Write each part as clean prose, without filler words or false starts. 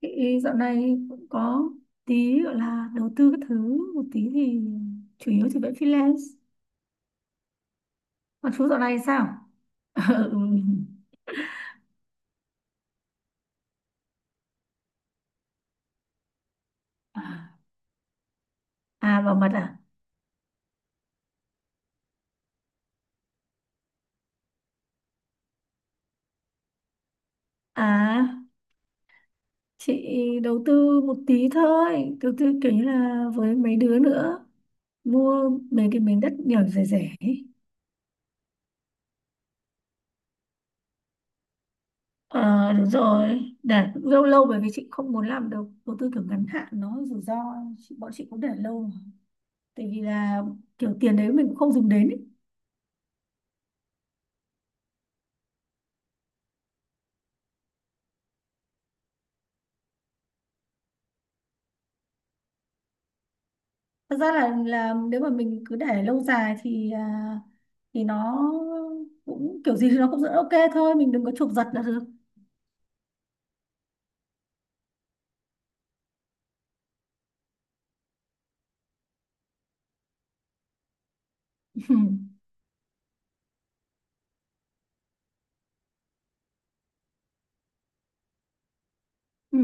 Chị dạo này cũng có tí gọi là đầu tư các thứ một tí thì chủ yếu thì vẫn freelance, còn chú dạo này sao? Ừ. À, bảo mật à? À, chị đầu tư một tí thôi, đầu tư kiểu như là với mấy đứa nữa mua mấy cái miếng đất nhỏ rẻ rẻ ấy. Ờ đúng rồi, để cũng lâu lâu bởi vì chị không muốn làm đầu đầu tư kiểu ngắn hạn nó rủi ro, bọn chị cũng để lâu mà. Tại vì là kiểu tiền đấy mình cũng không dùng đến ý. Thật ra là nếu mà mình cứ để lâu dài thì thì nó cũng kiểu gì thì nó cũng sẽ ok thôi, mình đừng có chụp giật là được. Ừ.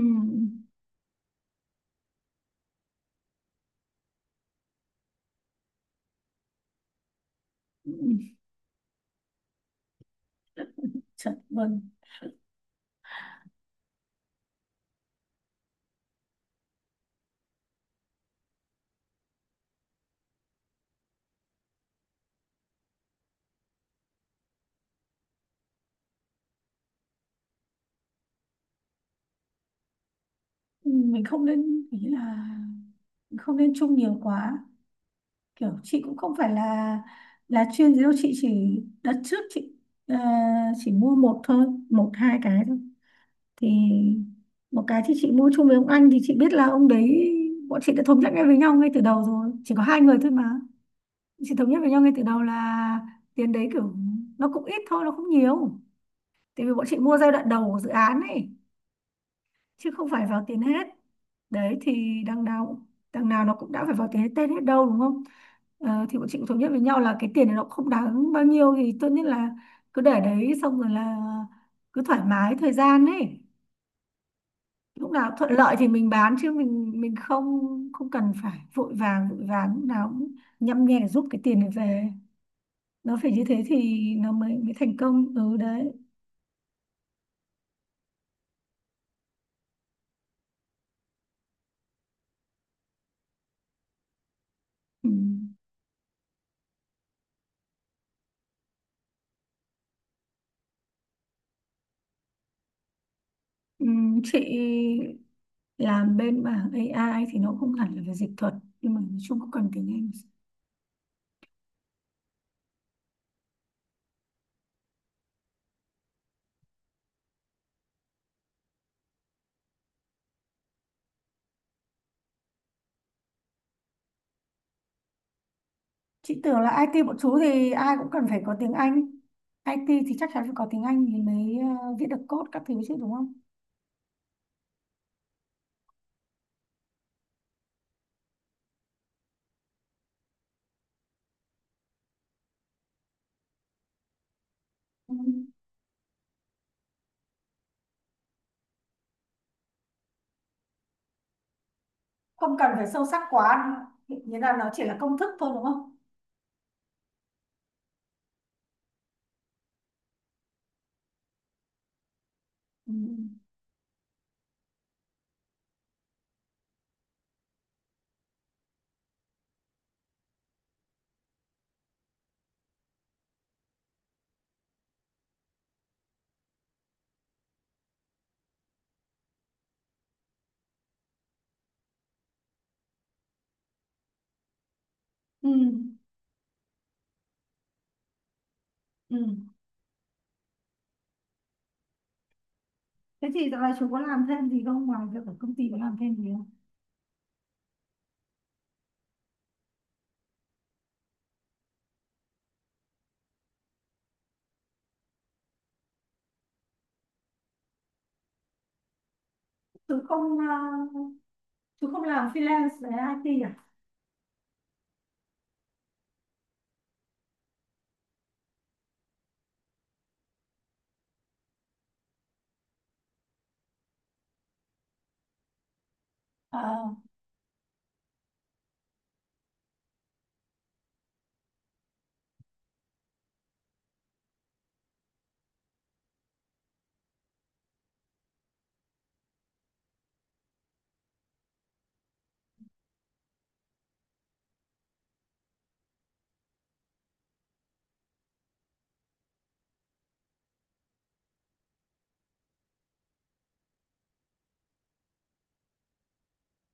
Ừ. Chật vâng. Ừ, mình không nên, ý là mình không nên chung nhiều quá, kiểu chị cũng không phải là chuyên gì đâu, chị chỉ đặt trước, chị à, chỉ mua một thôi, một hai cái thôi thì một cái thì chị mua chung với ông anh thì chị biết là ông đấy, bọn chị đã thống nhất ngay với nhau ngay từ đầu rồi, chỉ có hai người thôi mà. Chị thống nhất với nhau ngay từ đầu là tiền đấy kiểu nó cũng ít thôi, nó không nhiều, tại vì bọn chị mua giai đoạn đầu của dự án ấy chứ không phải vào tiền hết. Đấy thì đằng nào nó cũng đã phải vào tiền hết tên hết đâu, đúng không? Ờ, thì bọn chị cũng thống nhất với nhau là cái tiền này nó cũng không đáng bao nhiêu thì tốt nhất là cứ để đấy xong rồi là cứ thoải mái thời gian ấy, lúc nào thuận lợi thì mình bán chứ mình không không cần phải vội vàng, vội vàng lúc nào cũng nhăm nhe để giúp cái tiền này về, nó phải như thế thì nó mới mới thành công, ừ đấy ừ. Ừ, chị làm bên mảng AI thì nó không hẳn là về dịch thuật nhưng mà nói chung cũng cần tiếng Anh. Chị tưởng là IT bọn chú thì ai cũng cần phải có tiếng Anh. IT thì chắc chắn phải có tiếng Anh thì mới viết được code các thứ chứ đúng không? Ừ. Không cần phải sâu sắc quá, nghĩa là nó chỉ là công thức thôi, đúng không? Ừ. Ừ. Ừ. Thế thì dạo này chú có làm thêm gì không, ngoài việc ở công ty có làm thêm gì không? Chú không ờ, Chú không làm freelance về IT à? Ờ,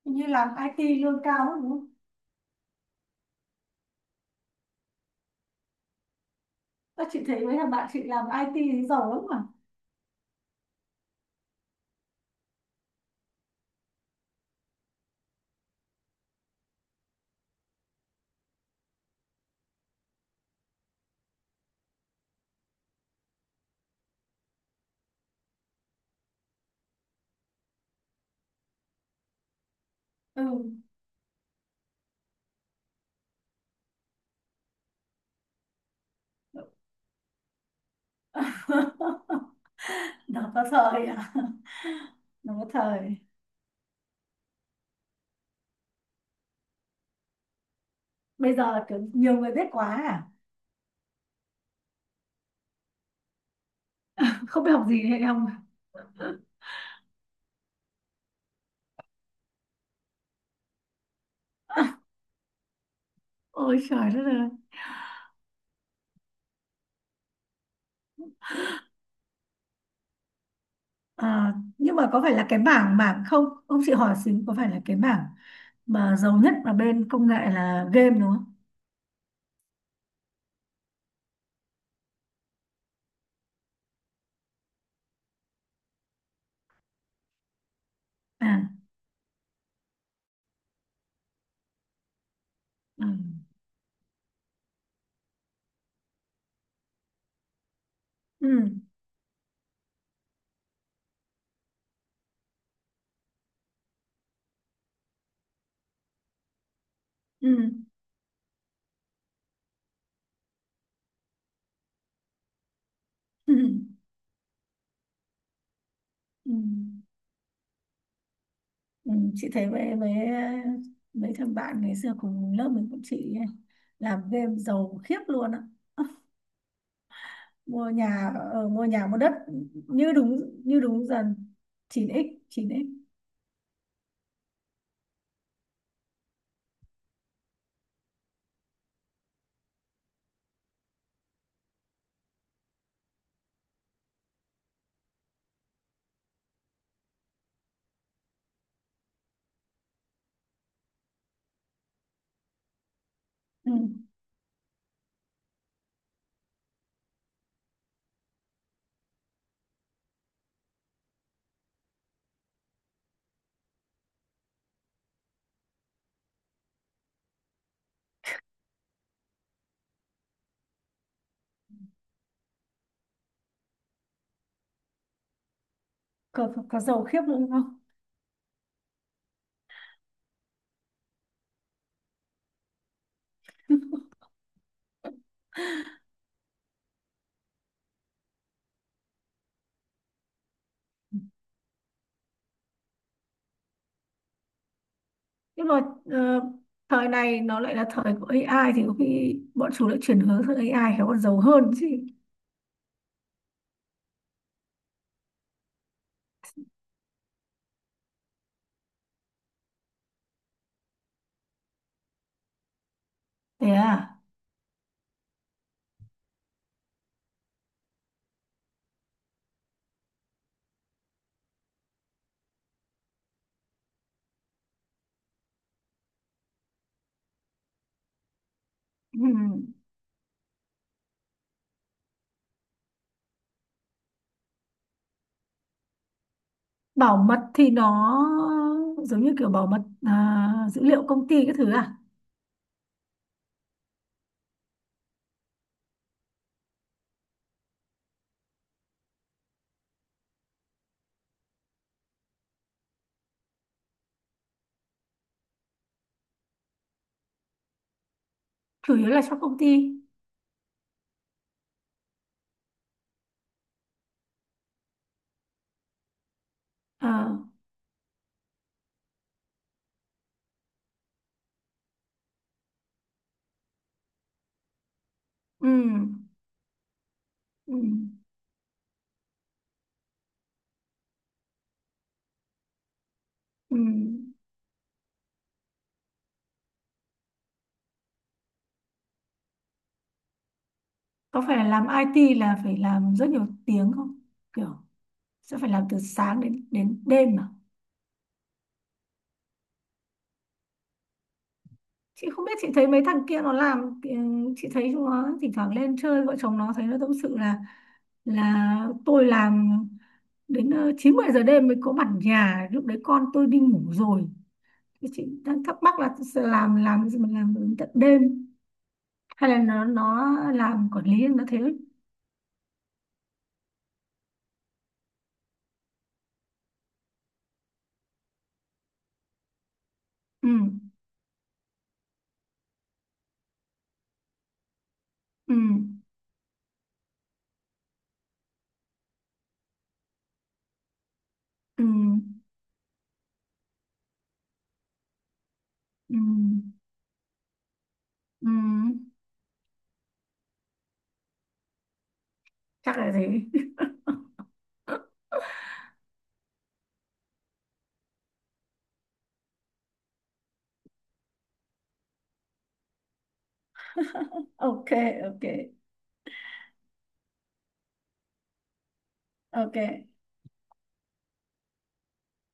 như làm IT lương cao lắm đúng không? Các chị thấy mấy thằng bạn chị làm IT thì giàu lắm mà. Ừ. Nó có thời à? Nó có thời. Bây giờ kiểu nhiều người biết quá à? Không biết học gì hay không? Ôi trời đất ơi. À, nhưng mà có phải là cái mảng mảng không? Ông chị hỏi xíu, có phải là cái mảng mà giàu nhất ở bên công nghệ là game đúng không? À, ừ. Ừ. Ừ. Ừ. Ừ. Ừ. Ừ, chị thấy với mấy thằng bạn ngày xưa cùng lớp mình cũng chị ấy, làm game giàu khiếp luôn á, mua nhà ở, mua nhà mua đất, như đúng, như đúng dần, 9x 9x ừ. Có, có giàu khiếp luôn không? Nhưng mà thời này nó lại là thời của AI thì có khi bọn chúng lại chuyển hướng sang AI khéo còn giàu hơn chứ. Thế à? Ừ. Bảo mật thì nó giống như kiểu bảo mật dữ liệu công ty cái thứ à? Chủ yếu là cho công ty. À, ừ, ừ, ừ. Có phải là làm IT là phải làm rất nhiều tiếng không? Kiểu sẽ phải làm từ sáng đến đến đêm mà. Chị không biết, chị thấy mấy thằng kia nó làm chị thấy chúng nó thỉnh thoảng lên chơi vợ chồng nó thấy nó tâm sự là tôi làm đến 9 10 giờ đêm mới có mặt nhà, lúc đấy con tôi đi ngủ rồi. Thì chị đang thắc mắc là sẽ làm gì mà làm đến tận đêm, hay là nó làm quản lý nó thế. Ừ. Ừ. Ừ ừ ừ, chắc là thế. Ok, ok, ok.